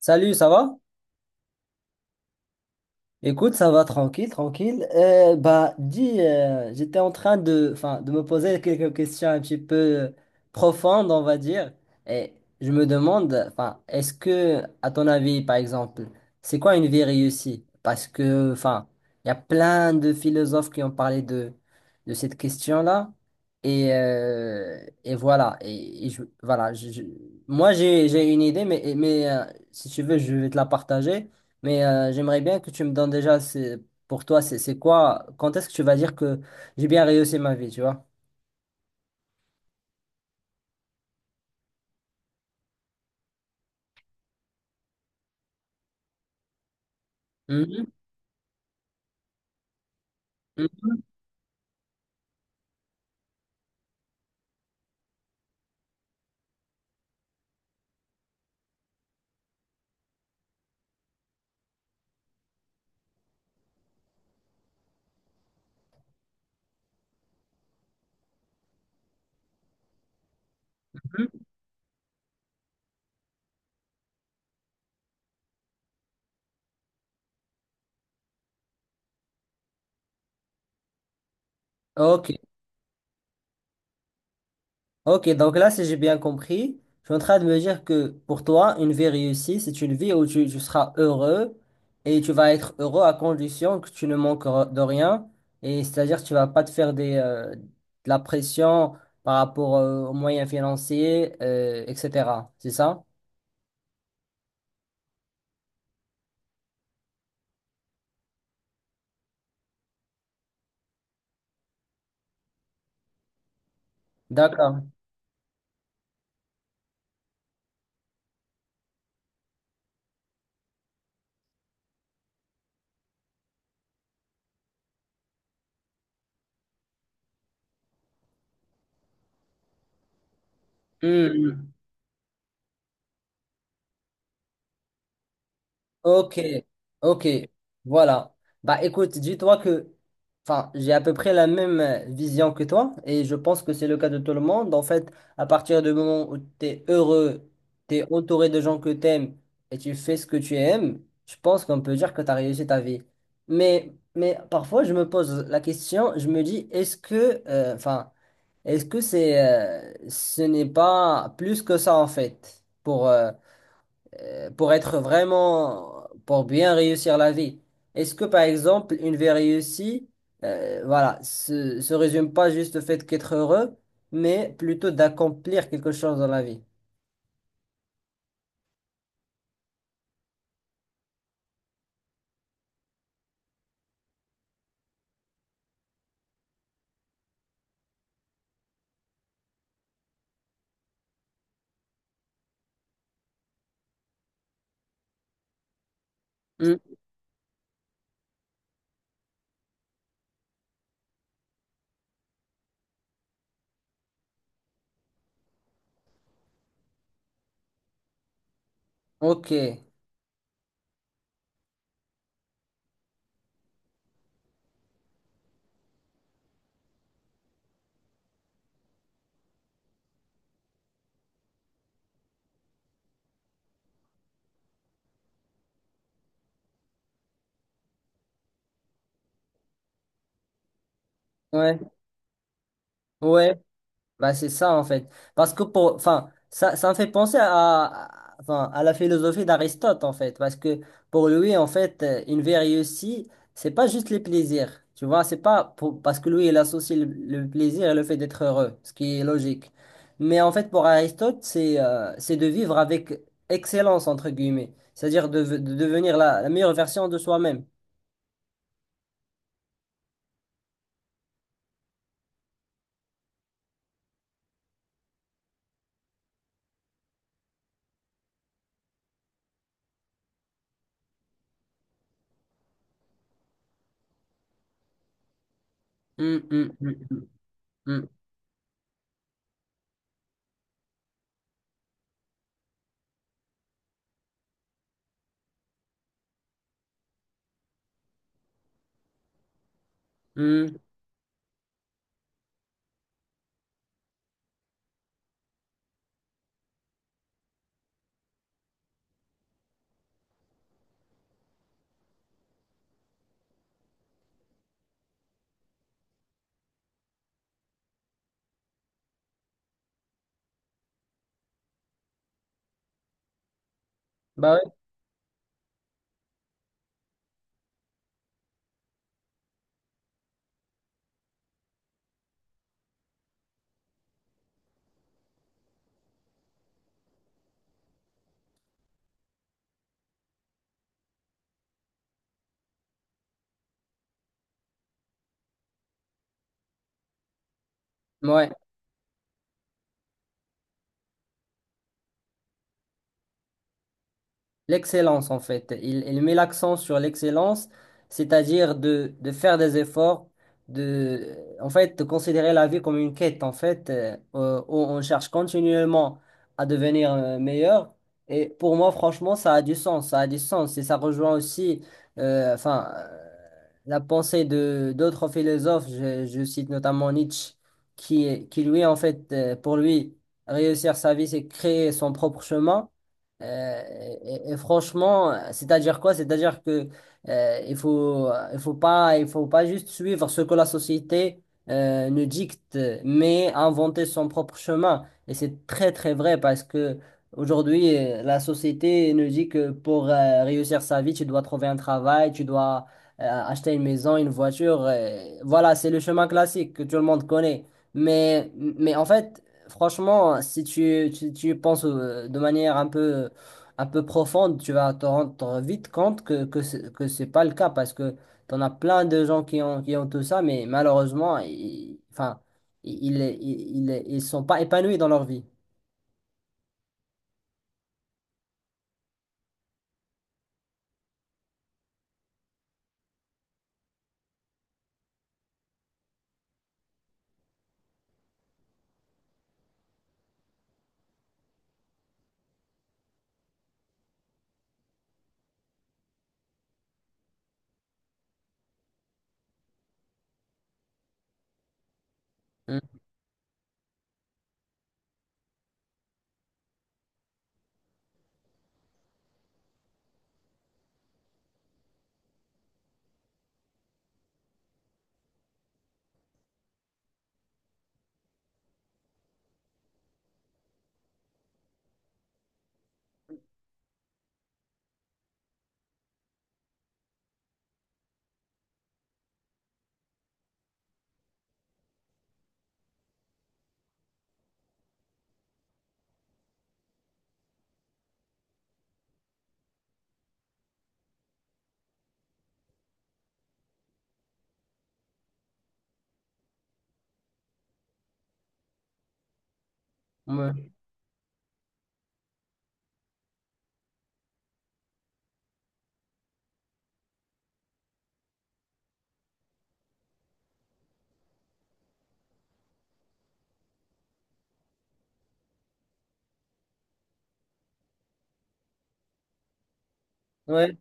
Salut, ça va? Écoute, ça va tranquille, tranquille. J'étais en train de, enfin, de me poser quelques questions un petit peu profondes, on va dire. Et je me demande, enfin, est-ce que, à ton avis, par exemple, c'est quoi une vie réussie? Parce que, enfin, il y a plein de philosophes qui ont parlé de cette question-là. Et, euh, et voilà. Et je- voilà. Je- Moi, j'ai une idée, mais si tu veux, je vais te la partager. Mais j'aimerais bien que tu me donnes déjà, c'est, pour toi, c'est quoi, quand est-ce que tu vas dire que j'ai bien réussi ma vie, tu vois? Mhm, mhm. Ok, ok, donc là, si j'ai bien compris, je suis en train de me dire que pour toi, une vie réussie, c'est une vie où tu seras heureux et tu vas être heureux à condition que tu ne manques re- de rien. Et c'est-à-dire, que tu vas pas te faire des, de la pression par rapport aux moyens financiers, etc. C'est ça? D'accord. Ok, ok, voilà. Bah écoute, dis-toi que, enfin, j'ai à peu près la même vision que toi et je pense que c'est le cas de tout le monde. En fait, à partir du moment où tu es heureux, tu es entouré de gens que tu aimes et tu fais ce que tu aimes, je pense qu'on peut dire que tu as réussi ta vie. Mais parfois, je me pose la question, je me dis, est-ce que, enfin, est-ce que c'est, ce n'est pas plus que ça en fait pour être vraiment, pour bien réussir la vie. Est-ce que, par exemple, une vie réussie, voilà, se résume pas juste au fait qu'être heureux, mais plutôt d'accomplir quelque chose dans la vie? Hmm. Ok. Ouais. Ouais. Bah, c'est ça en fait. Parce que pour, enfin, ça me fait penser à- enfin, à la philosophie d'Aristote en fait. Parce que pour lui, en fait, une vie réussie, c'est pas juste les plaisirs. Tu vois, c'est pas pour- parce que lui, il associe le plaisir et le fait d'être heureux, ce qui est logique. Mais en fait, pour Aristote, c'est de vivre avec excellence, entre guillemets. C'est-à-dire de devenir la, la meilleure version de soi-même. Hum, hum, hum, hum, hum, hum. Bah ouais. Ouais. L'excellence, en fait. Il met l'accent sur l'excellence, c'est-à-dire de faire des efforts, de, en fait, de considérer la vie comme une quête, en fait, où on cherche continuellement à devenir meilleur. Et pour moi, franchement, ça a du sens, ça a du sens. Et ça rejoint aussi, enfin, la pensée de d'autres philosophes. Je cite notamment Nietzsche, qui lui, en fait, pour lui, réussir sa vie, c'est créer son propre chemin. Euh, et franchement, c'est-à-dire quoi? C'est-à-dire que il faut, il faut pas juste suivre ce que la société nous dicte, mais inventer son propre chemin. Et c'est très très vrai parce que aujourd'hui, la société nous dit que pour réussir sa vie, tu dois trouver un travail, tu dois acheter une maison, une voiture. Voilà, c'est le chemin classique que tout le monde connaît. Mais en fait, franchement, si tu y penses de manière un peu profonde, tu vas te rendre vite compte que ce que c'est pas le cas parce que tu en as plein de gens qui ont tout ça, mais malheureusement, ils, enfin, ils sont pas épanouis dans leur vie. Hmm. Ouais. Ouais.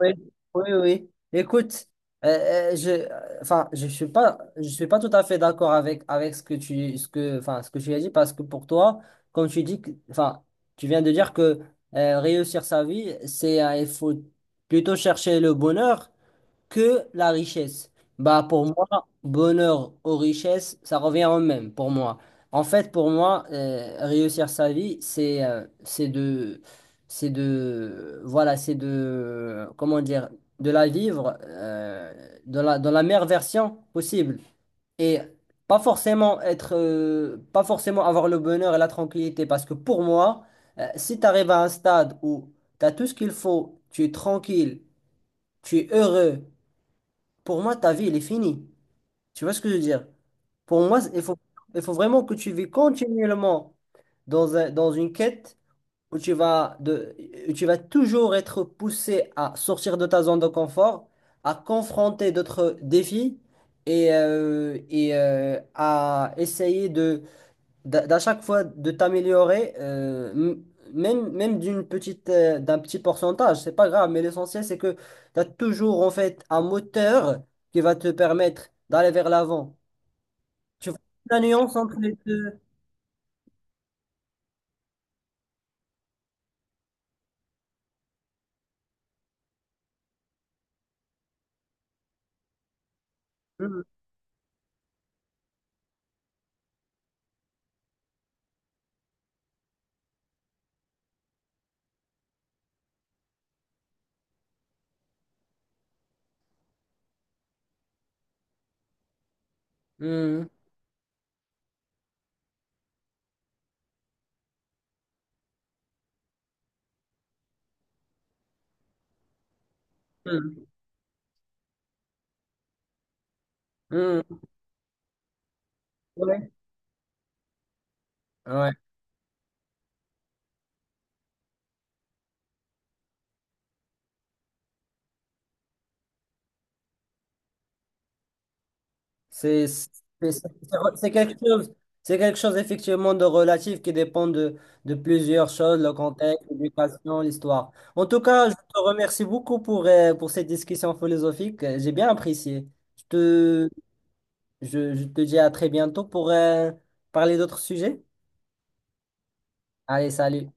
Oui, oui, oui. Écoute, enfin, je suis pas tout à fait d'accord avec ce que tu, ce que, enfin, ce que tu as dit parce que pour toi, comme tu dis, que- enfin, tu viens de dire que réussir sa vie, c'est, il faut plutôt chercher le bonheur que la richesse. Bah, pour moi, bonheur aux richesses, ça revient au même, pour moi. En fait, pour moi, réussir sa vie, c'est de, voilà, c'est de, comment dire, de la vivre dans la meilleure version possible. Et pas forcément être, pas forcément avoir le bonheur et la tranquillité, parce que pour moi, si tu arrives à un stade où tu as tout ce qu'il faut, tu es tranquille, tu es heureux, pour moi, ta vie, elle est finie. Tu vois ce que je veux dire? Pour moi, il faut vraiment que tu vis continuellement dans un- dans une quête où tu vas de, où tu vas toujours être poussé à sortir de ta zone de confort, à confronter d'autres défis à essayer de d'à chaque fois de t'améliorer, même d'une petite, d'un petit pourcentage, c'est pas grave, mais l'essentiel c'est que tu as toujours en fait un moteur qui va te permettre d'aller vers l'avant. Tu vois la nuance entre les deux. Mm. Mm. Mm. Mm. Ouais. Ouais. C'est c'est- c'est- c'est quelque chose, c'est quelque chose effectivement de relatif qui dépend de plusieurs choses, le contexte, l'éducation, l'histoire. En tout cas, je te remercie beaucoup pour cette discussion philosophique. J'ai bien apprécié. Je te, je te dis à très bientôt pour parler d'autres sujets. Allez, salut.